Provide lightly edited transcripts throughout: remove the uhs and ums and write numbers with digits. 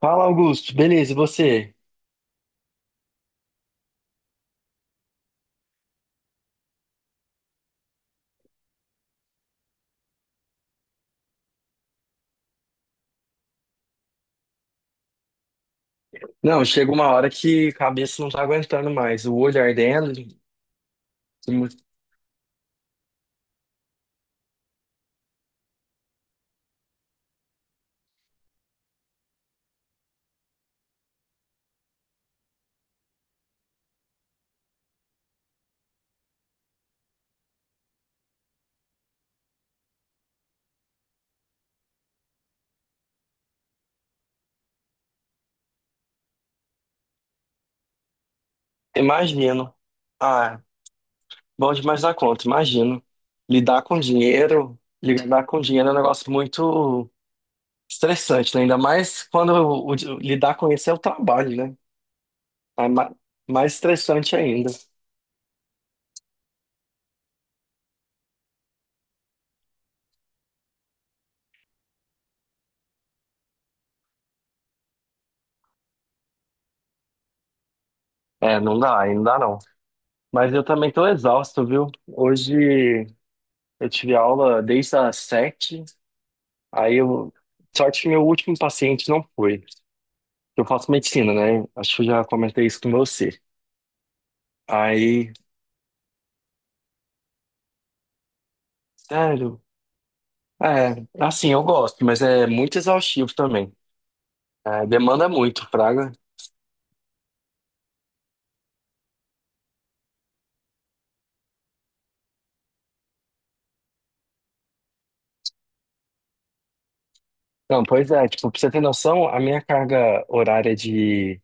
Fala, Augusto. Beleza, e você? Não, chega uma hora que a cabeça não tá aguentando mais. O olho ardendo. Imagino. Ah, bom demais da conta, imagino. Lidar com dinheiro é um negócio muito estressante, né? Ainda mais quando lidar com isso é o trabalho, né? É mais estressante ainda. É, não dá, ainda dá não. Mas eu também tô exausto, viu? Hoje eu tive aula desde as 7. Aí eu. Sorte que meu último paciente não foi. Eu faço medicina, né? Acho que eu já comentei isso com você. Aí, sério. É, assim, eu gosto, mas é muito exaustivo também. É, demanda muito, praga. Não, pois é, tipo, pra você ter noção, a minha carga horária de,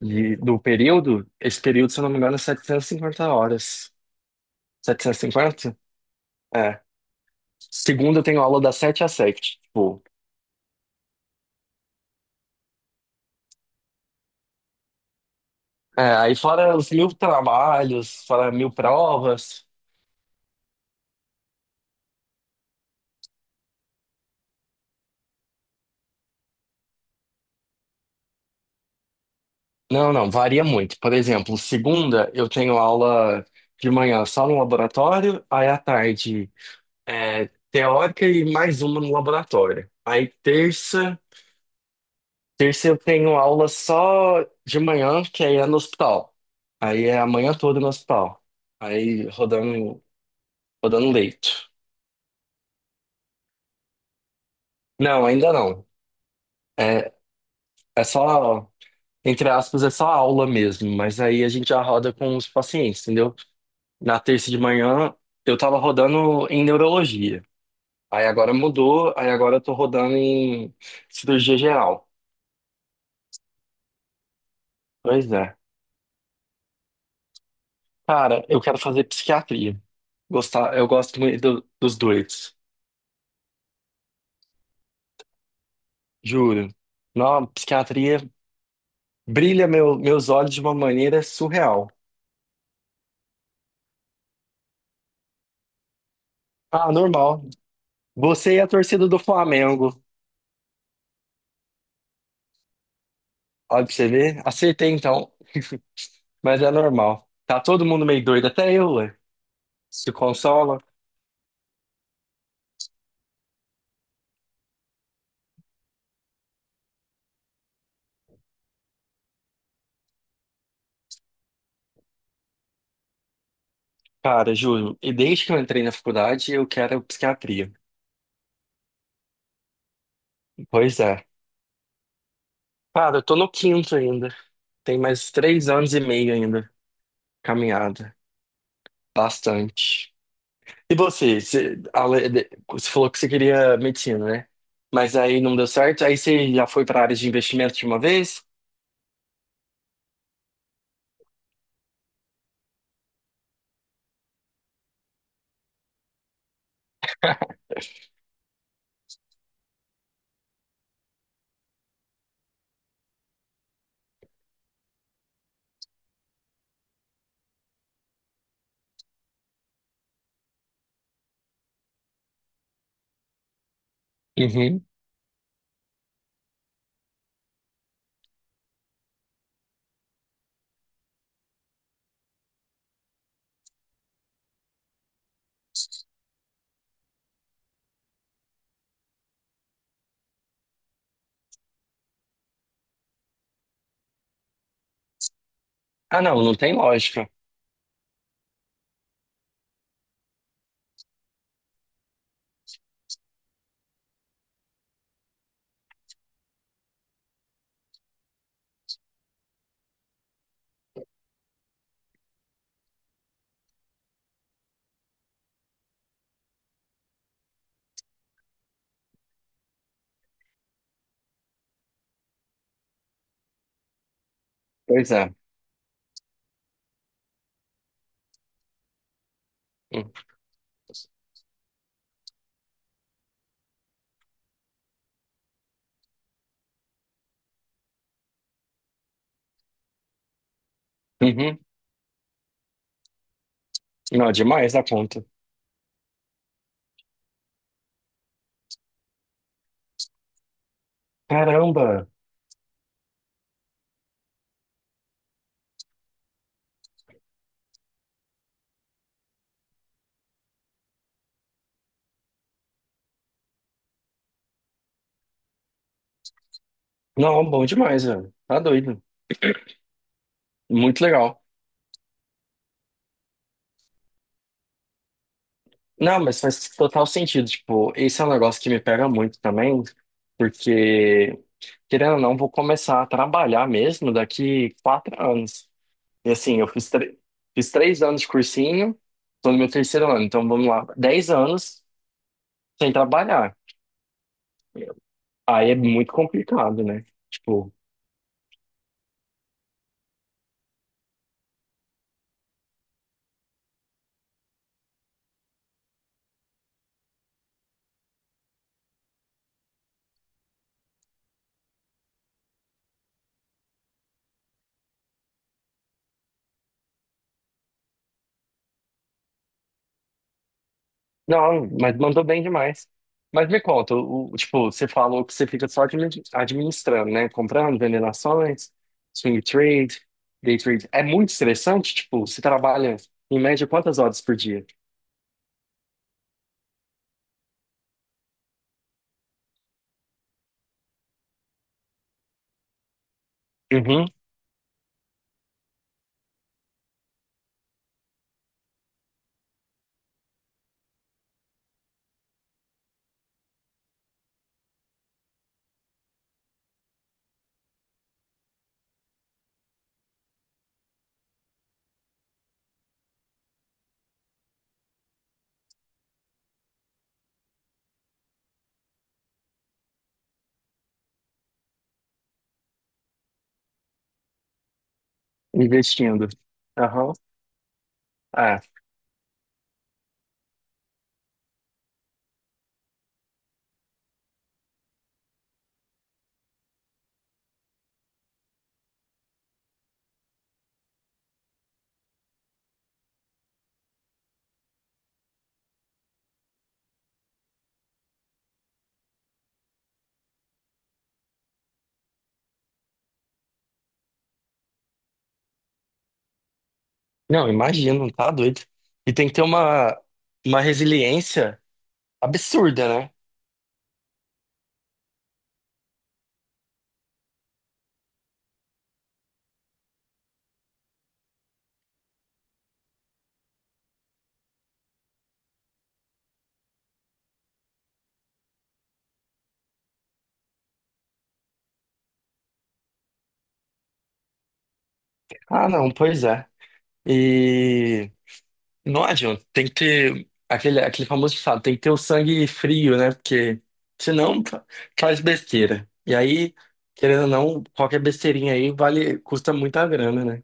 de- do período, esse período, se eu não me engano, é 750 horas. 750? É. Segunda eu tenho aula das 7 às 7. Tipo. É, aí fora os mil trabalhos, fora mil provas. Não, não, varia muito. Por exemplo, segunda eu tenho aula de manhã só no laboratório, aí à tarde é, teórica e mais uma no laboratório. Aí terça, terça eu tenho aula só de manhã, que aí é no hospital. Aí é a manhã toda no hospital. Aí rodando, rodando leito. Não, ainda não. É, é só, entre aspas, é só aula mesmo, mas aí a gente já roda com os pacientes, entendeu? Na terça de manhã, eu tava rodando em neurologia. Aí agora mudou, aí agora eu tô rodando em cirurgia geral. Pois é. Cara, eu quero fazer psiquiatria. Gostar, eu gosto muito dos dois, juro. Não, psiquiatria brilha meus olhos de uma maneira surreal. Ah, normal. Você e a torcida do Flamengo. Olha pra você ver. Acertei então, mas é normal. Tá todo mundo meio doido, até eu, ué. Se consola. Cara, juro, e desde que eu entrei na faculdade, eu quero psiquiatria. Pois é. Cara, eu tô no quinto ainda. Tem mais 3 anos e meio ainda. Caminhada. Bastante. E você? Você, você falou que você queria medicina, né? Mas aí não deu certo. Aí você já foi pra área de investimento de uma vez? Uhum. Ah, não, não tem lógica. Pois é. Hum. Uhum. Não, é demais da conta. Caramba! Não, bom demais, velho. Tá doido. Muito legal. Não, mas faz total sentido. Tipo, esse é um negócio que me pega muito também, porque, querendo ou não, vou começar a trabalhar mesmo daqui 4 anos. E assim, eu fiz, fiz 3 anos de cursinho, tô no meu terceiro ano, então vamos lá, 10 anos sem trabalhar. Aí é muito complicado, né? Tipo. Não, mas mandou bem demais. Mas me conta, tipo, você falou que você fica só administrando, né? Comprando, vendendo ações, swing trade, day trade. É muito estressante, tipo, você trabalha em média quantas horas por dia? Uhum, investindo. Aham. Ah, não, imagino, tá doido. E tem que ter uma resiliência absurda, né? Ah, não, pois é. E Não adianta, tem que ter aquele, aquele famoso ditado, tem que ter o sangue frio, né? Porque senão faz besteira. E aí, querendo ou não, qualquer besteirinha aí vale, custa muita grana, né?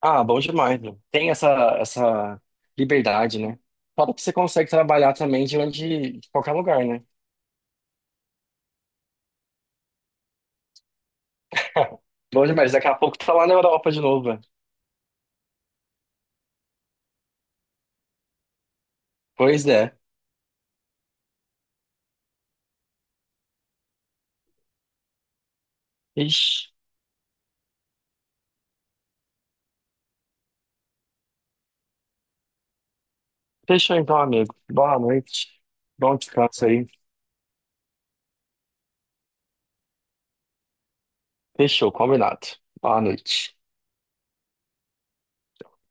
Ah, bom demais, né? Tem essa, essa liberdade, né? Fora que você consegue trabalhar também de onde, de qualquer lugar, né? Bom demais, daqui a pouco tá lá na Europa de novo, velho. Pois é. Ixi, fechou então, amigo. Boa noite. Bom descanso aí. Fechou, combinado. Boa noite.